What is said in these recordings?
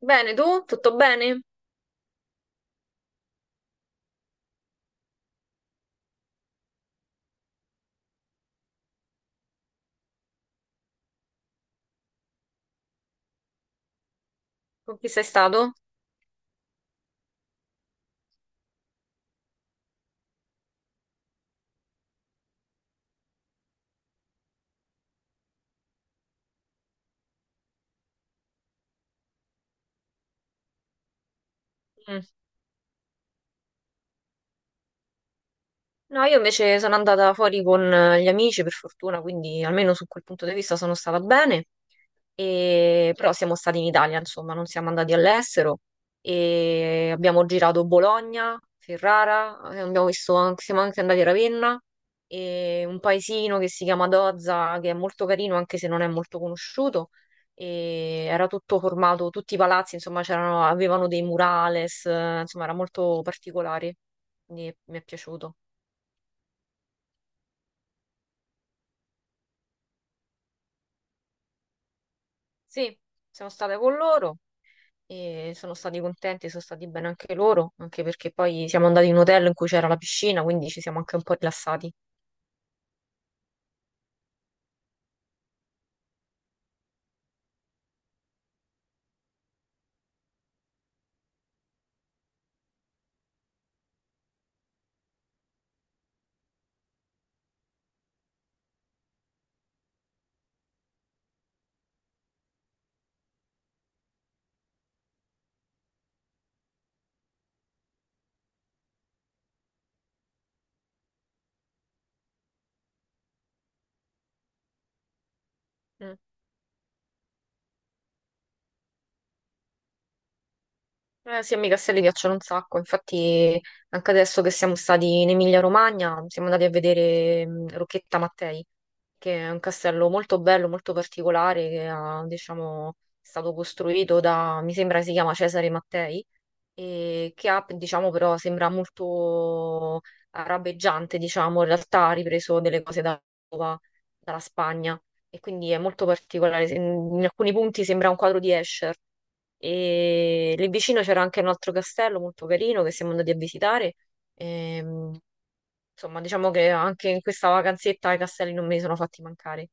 Bene, tu? Tutto bene? Con chi sei stato? Mm. No, io invece sono andata fuori con gli amici, per fortuna, quindi almeno su quel punto di vista sono stata bene. Però siamo stati in Italia, insomma, non siamo andati all'estero e abbiamo girato Bologna, Ferrara, siamo anche andati a Ravenna e un paesino che si chiama Dozza, che è molto carino anche se non è molto conosciuto. E era tutto formato, tutti i palazzi, insomma, c'erano, avevano dei murales, insomma, era molto particolare. Quindi mi è piaciuto. Sì, siamo state con loro. E sono stati contenti, sono stati bene anche loro, anche perché poi siamo andati in un hotel in cui c'era la piscina, quindi ci siamo anche un po' rilassati. Mm. Sì, a me i castelli piacciono un sacco, infatti anche adesso che siamo stati in Emilia-Romagna siamo andati a vedere Rocchetta Mattei, che è un castello molto bello, molto particolare, che ha, diciamo, è stato costruito da, mi sembra si chiama Cesare Mattei, e che ha, diciamo, però sembra molto arabeggiante, diciamo, in realtà ha ripreso delle cose dalla Spagna e quindi è molto particolare. In alcuni punti sembra un quadro di Escher e lì vicino c'era anche un altro castello molto carino che siamo andati a visitare. Ehm, insomma, diciamo che anche in questa vacanzetta i castelli non me li sono fatti mancare.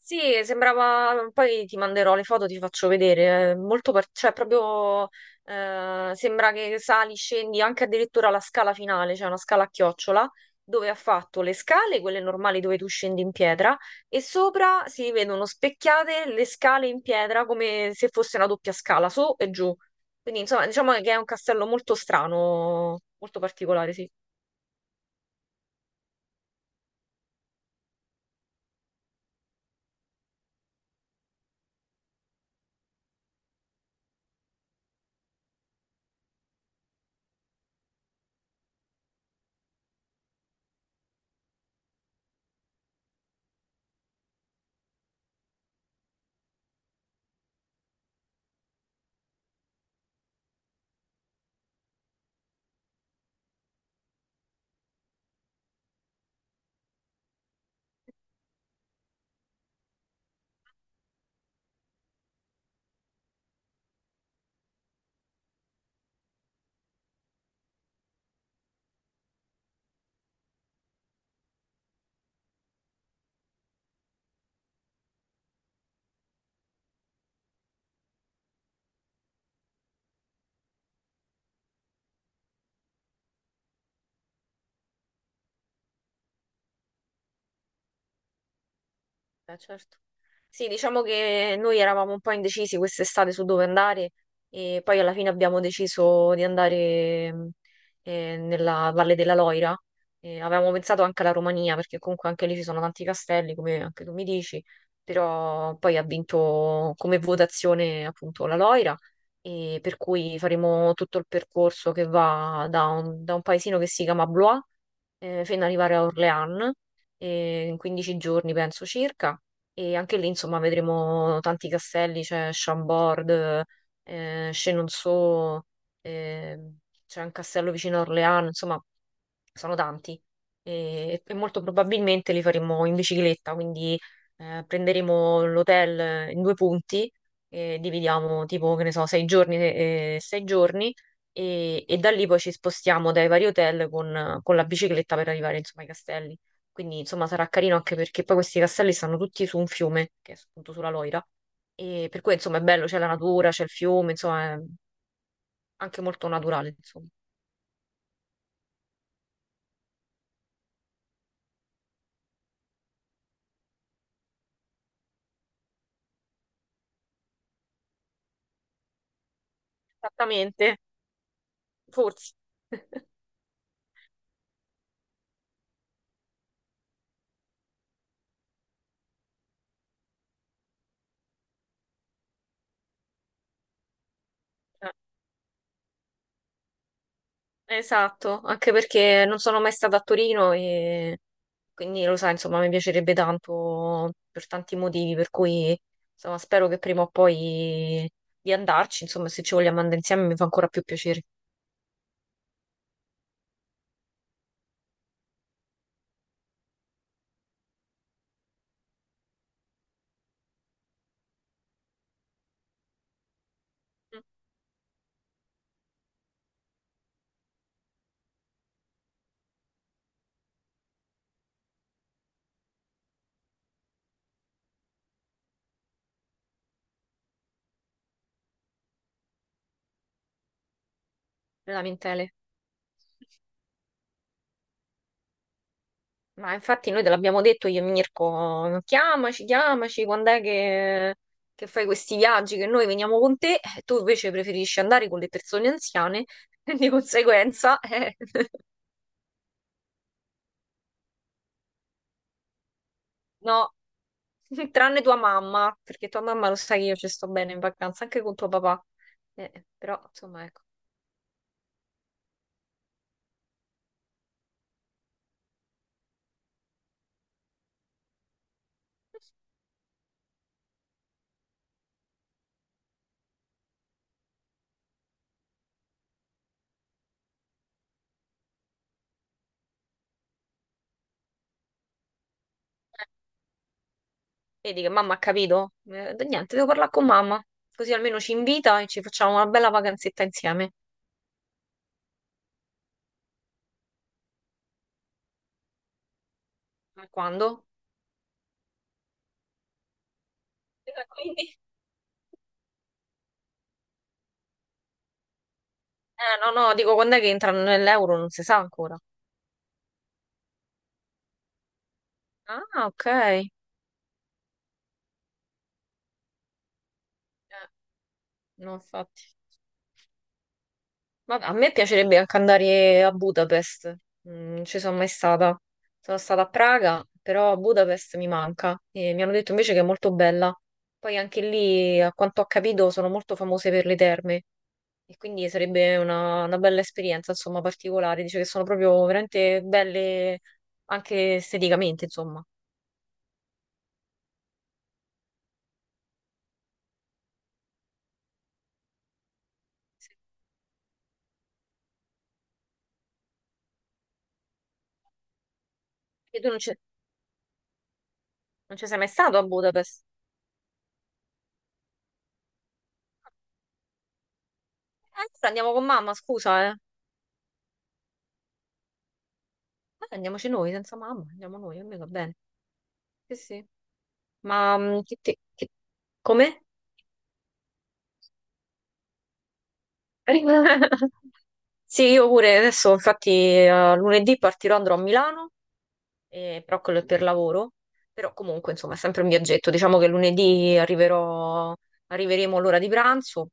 Sì, sembrava, poi ti manderò le foto, ti faccio vedere, è molto cioè proprio, sembra che sali, scendi anche addirittura la scala finale, cioè una scala a chiocciola, dove ha fatto le scale, quelle normali dove tu scendi in pietra, e sopra si vedono specchiate le scale in pietra come se fosse una doppia scala, su e giù. Quindi insomma diciamo che è un castello molto strano, molto particolare, sì. Certo. Sì, diciamo che noi eravamo un po' indecisi quest'estate su dove andare e poi alla fine abbiamo deciso di andare nella Valle della Loira. Avevamo pensato anche alla Romania perché comunque anche lì ci sono tanti castelli, come anche tu mi dici, però poi ha vinto come votazione appunto la Loira e per cui faremo tutto il percorso che va da un paesino che si chiama Blois fino ad arrivare a Orléans, in 15 giorni penso circa, e anche lì insomma vedremo tanti castelli, c'è Chambord, Chenonceau, eh, c'è un castello vicino a Orléans, insomma sono tanti e molto probabilmente li faremo in bicicletta, quindi prenderemo l'hotel in due punti e dividiamo tipo, che ne so, 6 giorni, 6 giorni e da lì poi ci spostiamo dai vari hotel con la bicicletta per arrivare insomma ai castelli. Quindi insomma sarà carino anche perché poi questi castelli stanno tutti su un fiume, che è appunto sulla Loira, e per cui insomma è bello, c'è la natura, c'è il fiume, insomma è anche molto naturale, insomma. Esattamente, forse. Esatto, anche perché non sono mai stata a Torino e quindi lo sai, insomma, mi piacerebbe tanto per tanti motivi, per cui insomma, spero che prima o poi di andarci, insomma, se ci vogliamo andare insieme mi fa ancora più piacere. Mm. Lamentele. Ma infatti noi te l'abbiamo detto io e Mirko, chiamaci, chiamaci, quando è che fai questi viaggi, che noi veniamo con te, e tu invece preferisci andare con le persone anziane, di conseguenza, no. Tranne tua mamma, perché tua mamma lo sa che io ci sto bene in vacanza, anche con tuo papà. Però, insomma, ecco. Vedi che mamma ha capito? Niente, devo parlare con mamma, così almeno ci invita e ci facciamo una bella vacanzetta insieme. Ma quando? Quindi? No, no, dico quando è che entrano nell'euro, non si sa ancora. Ah, ok. No, infatti. Ma a me piacerebbe anche andare a Budapest. Non ci sono mai stata. Sono stata a Praga, però Budapest mi manca e mi hanno detto invece che è molto bella. Poi anche lì, a quanto ho capito, sono molto famose per le terme e quindi sarebbe una bella esperienza, insomma, particolare. Dice che sono proprio veramente belle anche esteticamente, insomma. E tu non ci sei mai stato a Budapest? Allora andiamo con mamma, scusa, eh. Andiamoci noi, senza mamma, andiamo noi, a me va bene. Sì, sì. Ma come? Sì, io pure adesso, infatti, lunedì partirò, andrò a Milano, però quello è per lavoro, però comunque, insomma, è sempre un viaggetto. Diciamo che lunedì arriverò, arriveremo all'ora di pranzo,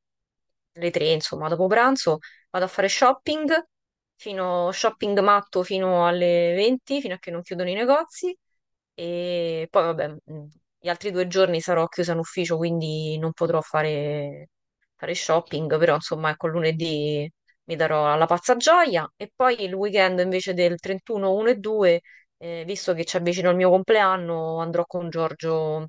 le 3, insomma, dopo pranzo, vado a fare shopping, shopping matto fino alle 20, fino a che non chiudono i negozi. E poi, vabbè, gli altri 2 giorni sarò chiusa in ufficio, quindi non potrò fare shopping, però insomma, ecco, lunedì mi darò alla pazza gioia. E poi il weekend invece del 31, 1 e 2, visto che ci avvicina il mio compleanno, andrò con Giorgio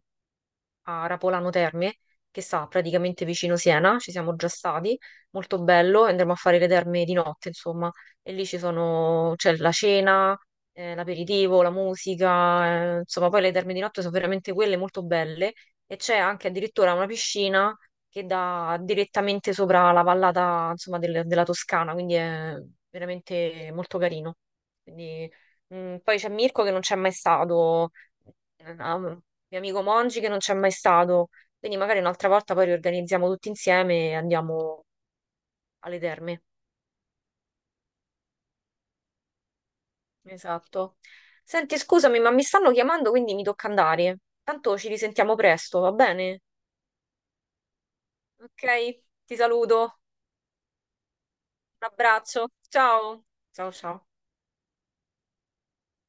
a Rapolano Terme, che sta praticamente vicino Siena, ci siamo già stati, molto bello, e andremo a fare le terme di notte, insomma, e lì ci sono, c'è la cena, l'aperitivo, la musica, insomma, poi le terme di notte sono veramente quelle molto belle e c'è anche addirittura una piscina che dà direttamente sopra la vallata, insomma, della Toscana, quindi è veramente molto carino. Quindi, poi c'è Mirko che non c'è mai stato, mio amico Mongi che non c'è mai stato. Quindi magari un'altra volta poi riorganizziamo tutti insieme e andiamo alle terme. Esatto. Senti, scusami, ma mi stanno chiamando, quindi mi tocca andare. Tanto ci risentiamo presto, va bene? Ok, ti saluto. Un abbraccio. Ciao. Ciao, ciao.